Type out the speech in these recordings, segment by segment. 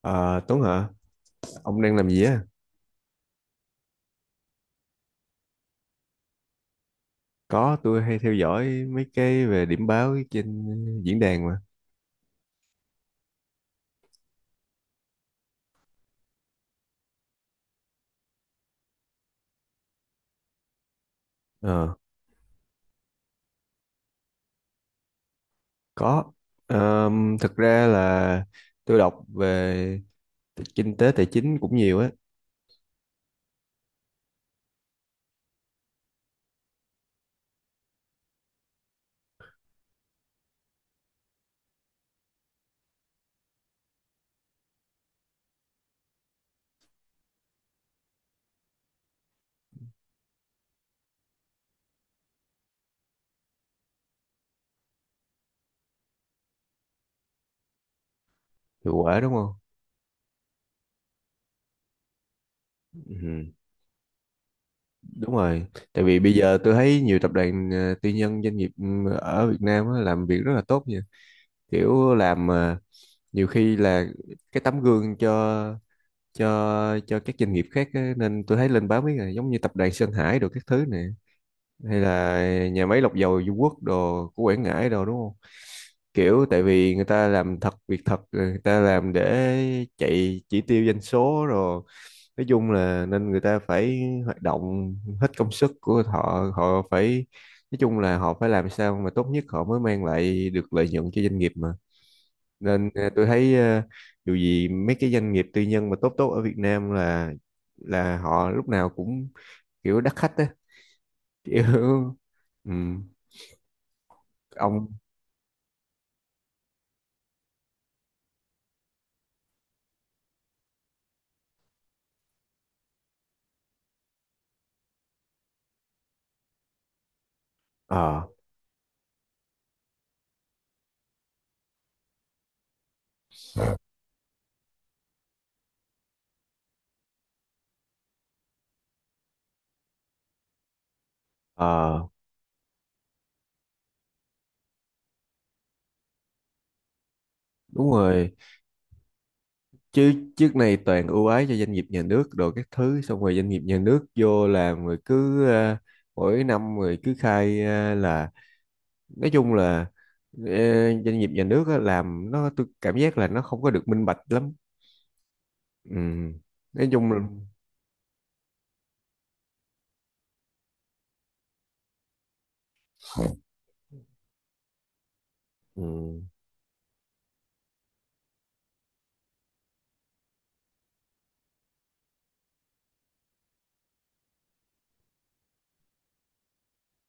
Ờ, Tuấn hả? Ông đang làm gì á? Có, tôi hay theo dõi mấy cái về điểm báo trên diễn đàn mà. Ờ, có. Thực ra là tôi đọc về kinh tế tài chính cũng nhiều á. Hiệu quả đúng không? Ừ, đúng rồi. Tại vì bây giờ tôi thấy nhiều tập đoàn tư nhân doanh nghiệp ở Việt Nam á, làm việc rất là tốt nha. Kiểu làm nhiều khi là cái tấm gương cho các doanh nghiệp khác á, nên tôi thấy lên báo mấy ngày giống như tập đoàn Sơn Hải đồ các thứ này, hay là nhà máy lọc dầu Dung Quất đồ của Quảng Ngãi đồ, đúng không? Kiểu tại vì người ta làm thật việc thật, người ta làm để chạy chỉ tiêu doanh số rồi, nói chung là nên người ta phải hoạt động hết công sức của họ họ phải, nói chung là họ phải làm sao mà tốt nhất họ mới mang lại được lợi nhuận cho doanh nghiệp mà. Nên tôi thấy dù gì mấy cái doanh nghiệp tư nhân mà tốt tốt ở Việt Nam là họ lúc nào cũng kiểu đắt khách á, kiểu ừm, ông ờ ờ đúng rồi, chứ trước này toàn ưu ái cho doanh nghiệp nhà nước đồ các thứ, xong rồi doanh nghiệp nhà nước vô làm rồi cứ mỗi năm rồi cứ khai là, nói chung là ờ, doanh nghiệp nhà nước á, làm nó tôi cảm giác là nó không có được minh bạch lắm. Ừm, nói chung là. Ừ.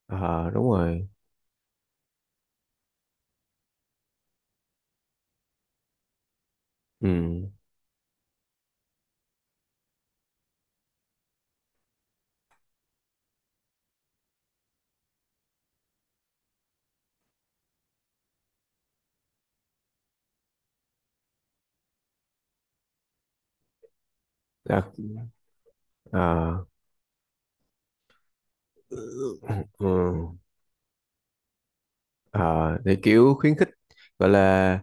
Ờ, đúng rồi. Ừ. À, à, ừ. Ờ, thì kiểu khuyến khích, gọi là,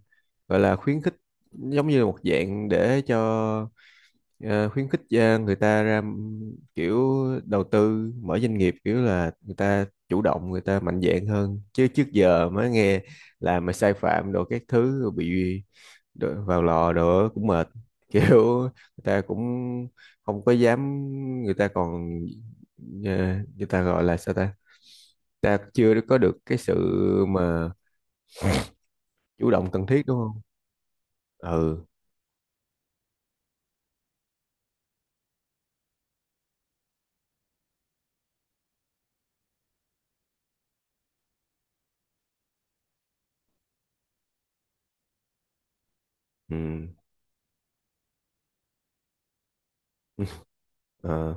gọi là khuyến khích, giống như là một dạng để cho, ờ, khuyến khích người ta kiểu đầu tư mở doanh nghiệp, kiểu là người ta chủ động, người ta mạnh dạn hơn, chứ trước giờ mới nghe là mà sai phạm đồ các thứ rồi bị vào lò đồ cũng mệt kiểu người ta cũng không có dám, người ta còn ờ, người ta gọi là sao ta, ta chưa có được cái sự mà chủ động cần thiết, đúng không? Ừ. Ừ. Ờ.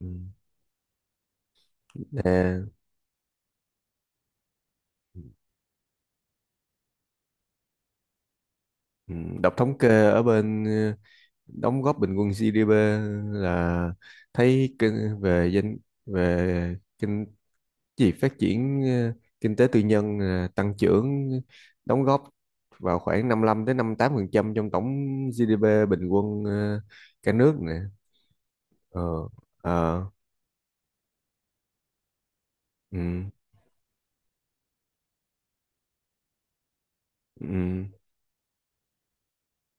Ừ. Nè, ừ, ừ. Đọc thống kê ở bên đóng góp bình quân GDP là thấy kinh, về danh, về kinh, gì phát triển kinh tế tư nhân tăng trưởng đóng góp vào khoảng 55 đến 58% trong tổng GDP bình quân cả nước nè. Ờ. Ờ. Ừ, ừ.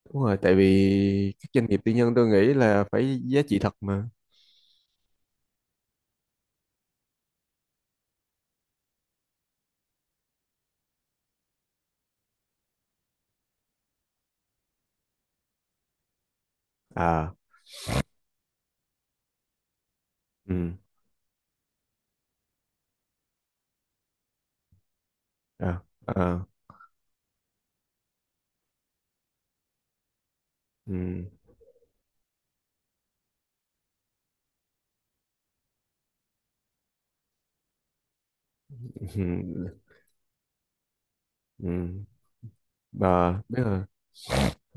Đúng rồi, tại vì các doanh nghiệp tư nhân tôi nghĩ là phải giá trị thật mà. À. Ừ. À. À. Ừ. Ừ. Ừ. Bà biết rồi.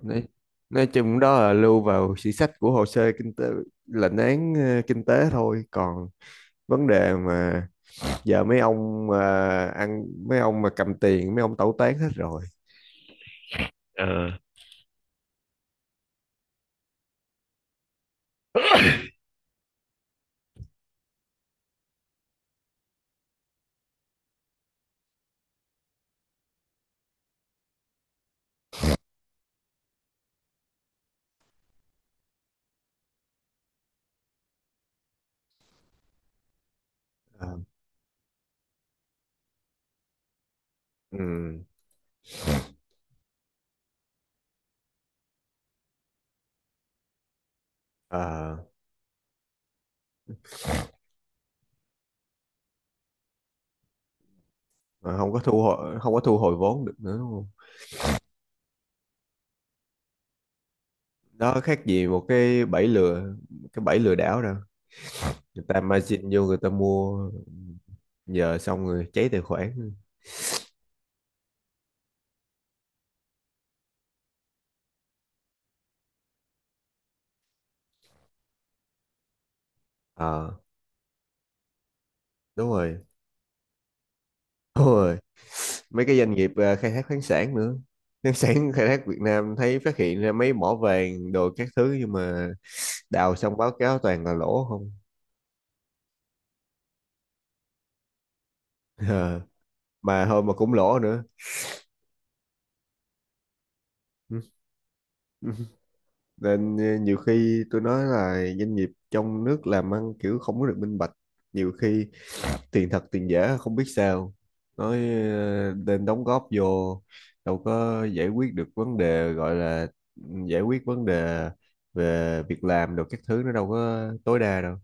Nói, nói chung đó là lưu vào sử sách của hồ sơ kinh tế, lệnh án kinh tế thôi, còn vấn đề mà giờ mấy ông à, ăn, mấy ông mà cầm tiền mấy ông tẩu tán hết rồi. ờ Ờ, ừ, ờ, mà không có thu hồi vốn được nữa, đúng không? Đó khác gì một cái bẫy lừa, cái bẫy lừa đảo đâu. Người ta margin vô người ta mua, giờ xong rồi cháy tài khoản. Ờ, đúng rồi, đúng rồi, mấy cái doanh nghiệp khai thác khoáng sản nữa. Khoáng sản khai thác Việt Nam thấy phát hiện ra mấy mỏ vàng đồ các thứ, nhưng mà đào xong báo cáo toàn là lỗ không. Ờ, mà thôi, mà cũng lỗ nữa. Ừ. Nên nhiều khi tôi nói là doanh nghiệp trong nước làm ăn kiểu không có được minh bạch, nhiều khi tiền thật tiền giả không biết sao, nói nên đóng góp vô đâu có giải quyết được vấn đề, gọi là giải quyết vấn đề về việc làm được các thứ, nó đâu có tối đa đâu.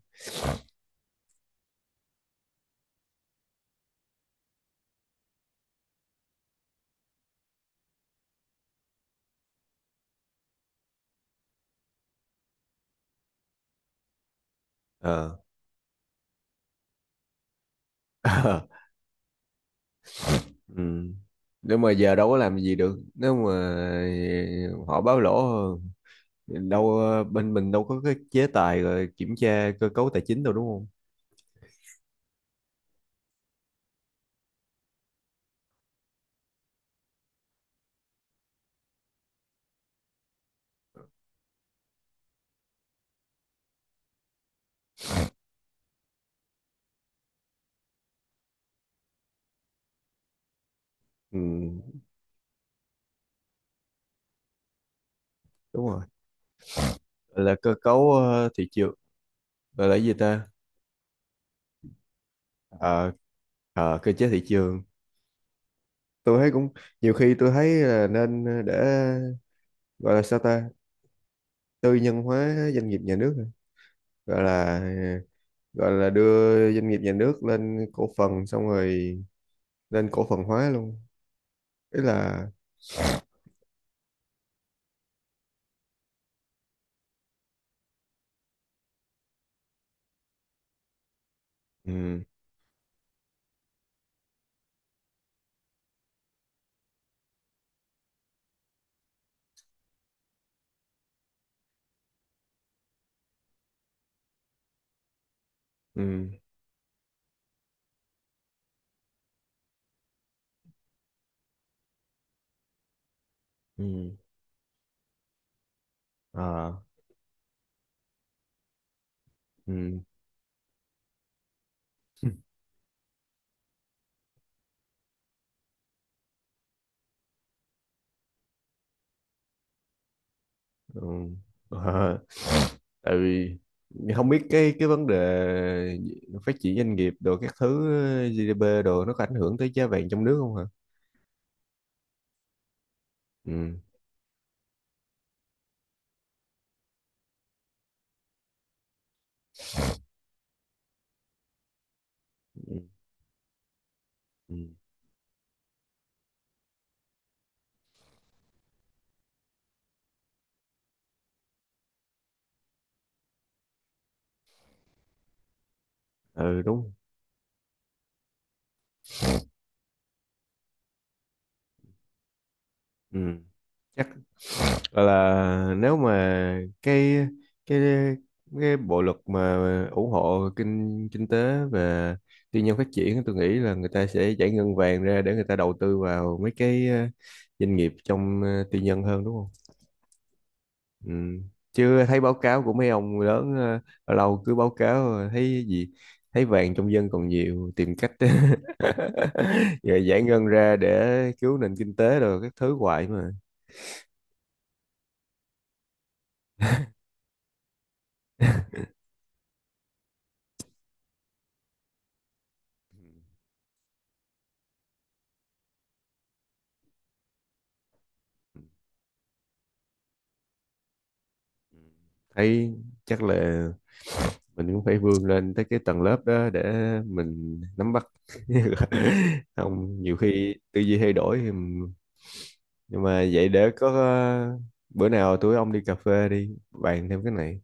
ờ ừ. Nếu mà giờ đâu có làm gì được, nếu mà họ báo lỗ đâu, bên mình đâu có cái chế tài rồi kiểm tra cơ cấu tài chính đâu, đúng không? Ừ, đúng rồi. Gọi là cơ cấu thị trường, gọi là cái gì ta. ờ ờ, cơ chế thị trường, tôi thấy cũng, nhiều khi tôi thấy là nên để gọi là sao ta, tư nhân hóa doanh nghiệp nhà nước hả? Gọi là, gọi là đưa doanh nghiệp nhà nước lên cổ phần, xong rồi lên cổ phần hóa luôn, ý là. Ừ. Ừ. Ừ. Ờ. Ừ. Ừ. Ờ. Tại vì không biết cái vấn đề phát triển doanh nghiệp đồ các thứ, GDP đồ nó có ảnh hưởng tới giá vàng trong nước không hả? Ừ. Ừ. Ừ. Ừ, đúng. Ừ. Chắc gọi là nếu mà cái cái bộ luật mà ủng hộ kinh kinh tế và tư nhân phát triển, tôi nghĩ là người ta sẽ giải ngân vàng ra để người ta đầu tư vào mấy cái doanh nghiệp trong tư nhân hơn, đúng không? Ừ. Chứ thấy báo cáo của mấy ông lớn lâu lâu cứ báo cáo thấy gì, thấy vàng trong dân còn nhiều, tìm cách rồi giải ngân ra để cứu nền kinh tế rồi các thứ hoài mà. Ừ. Thấy chắc là mình cũng phải vươn lên tới cái tầng lớp đó để mình nắm bắt không, nhiều khi tư duy thay đổi thì nhưng mà vậy để có bữa nào tụi ông đi cà phê đi bàn thêm cái này.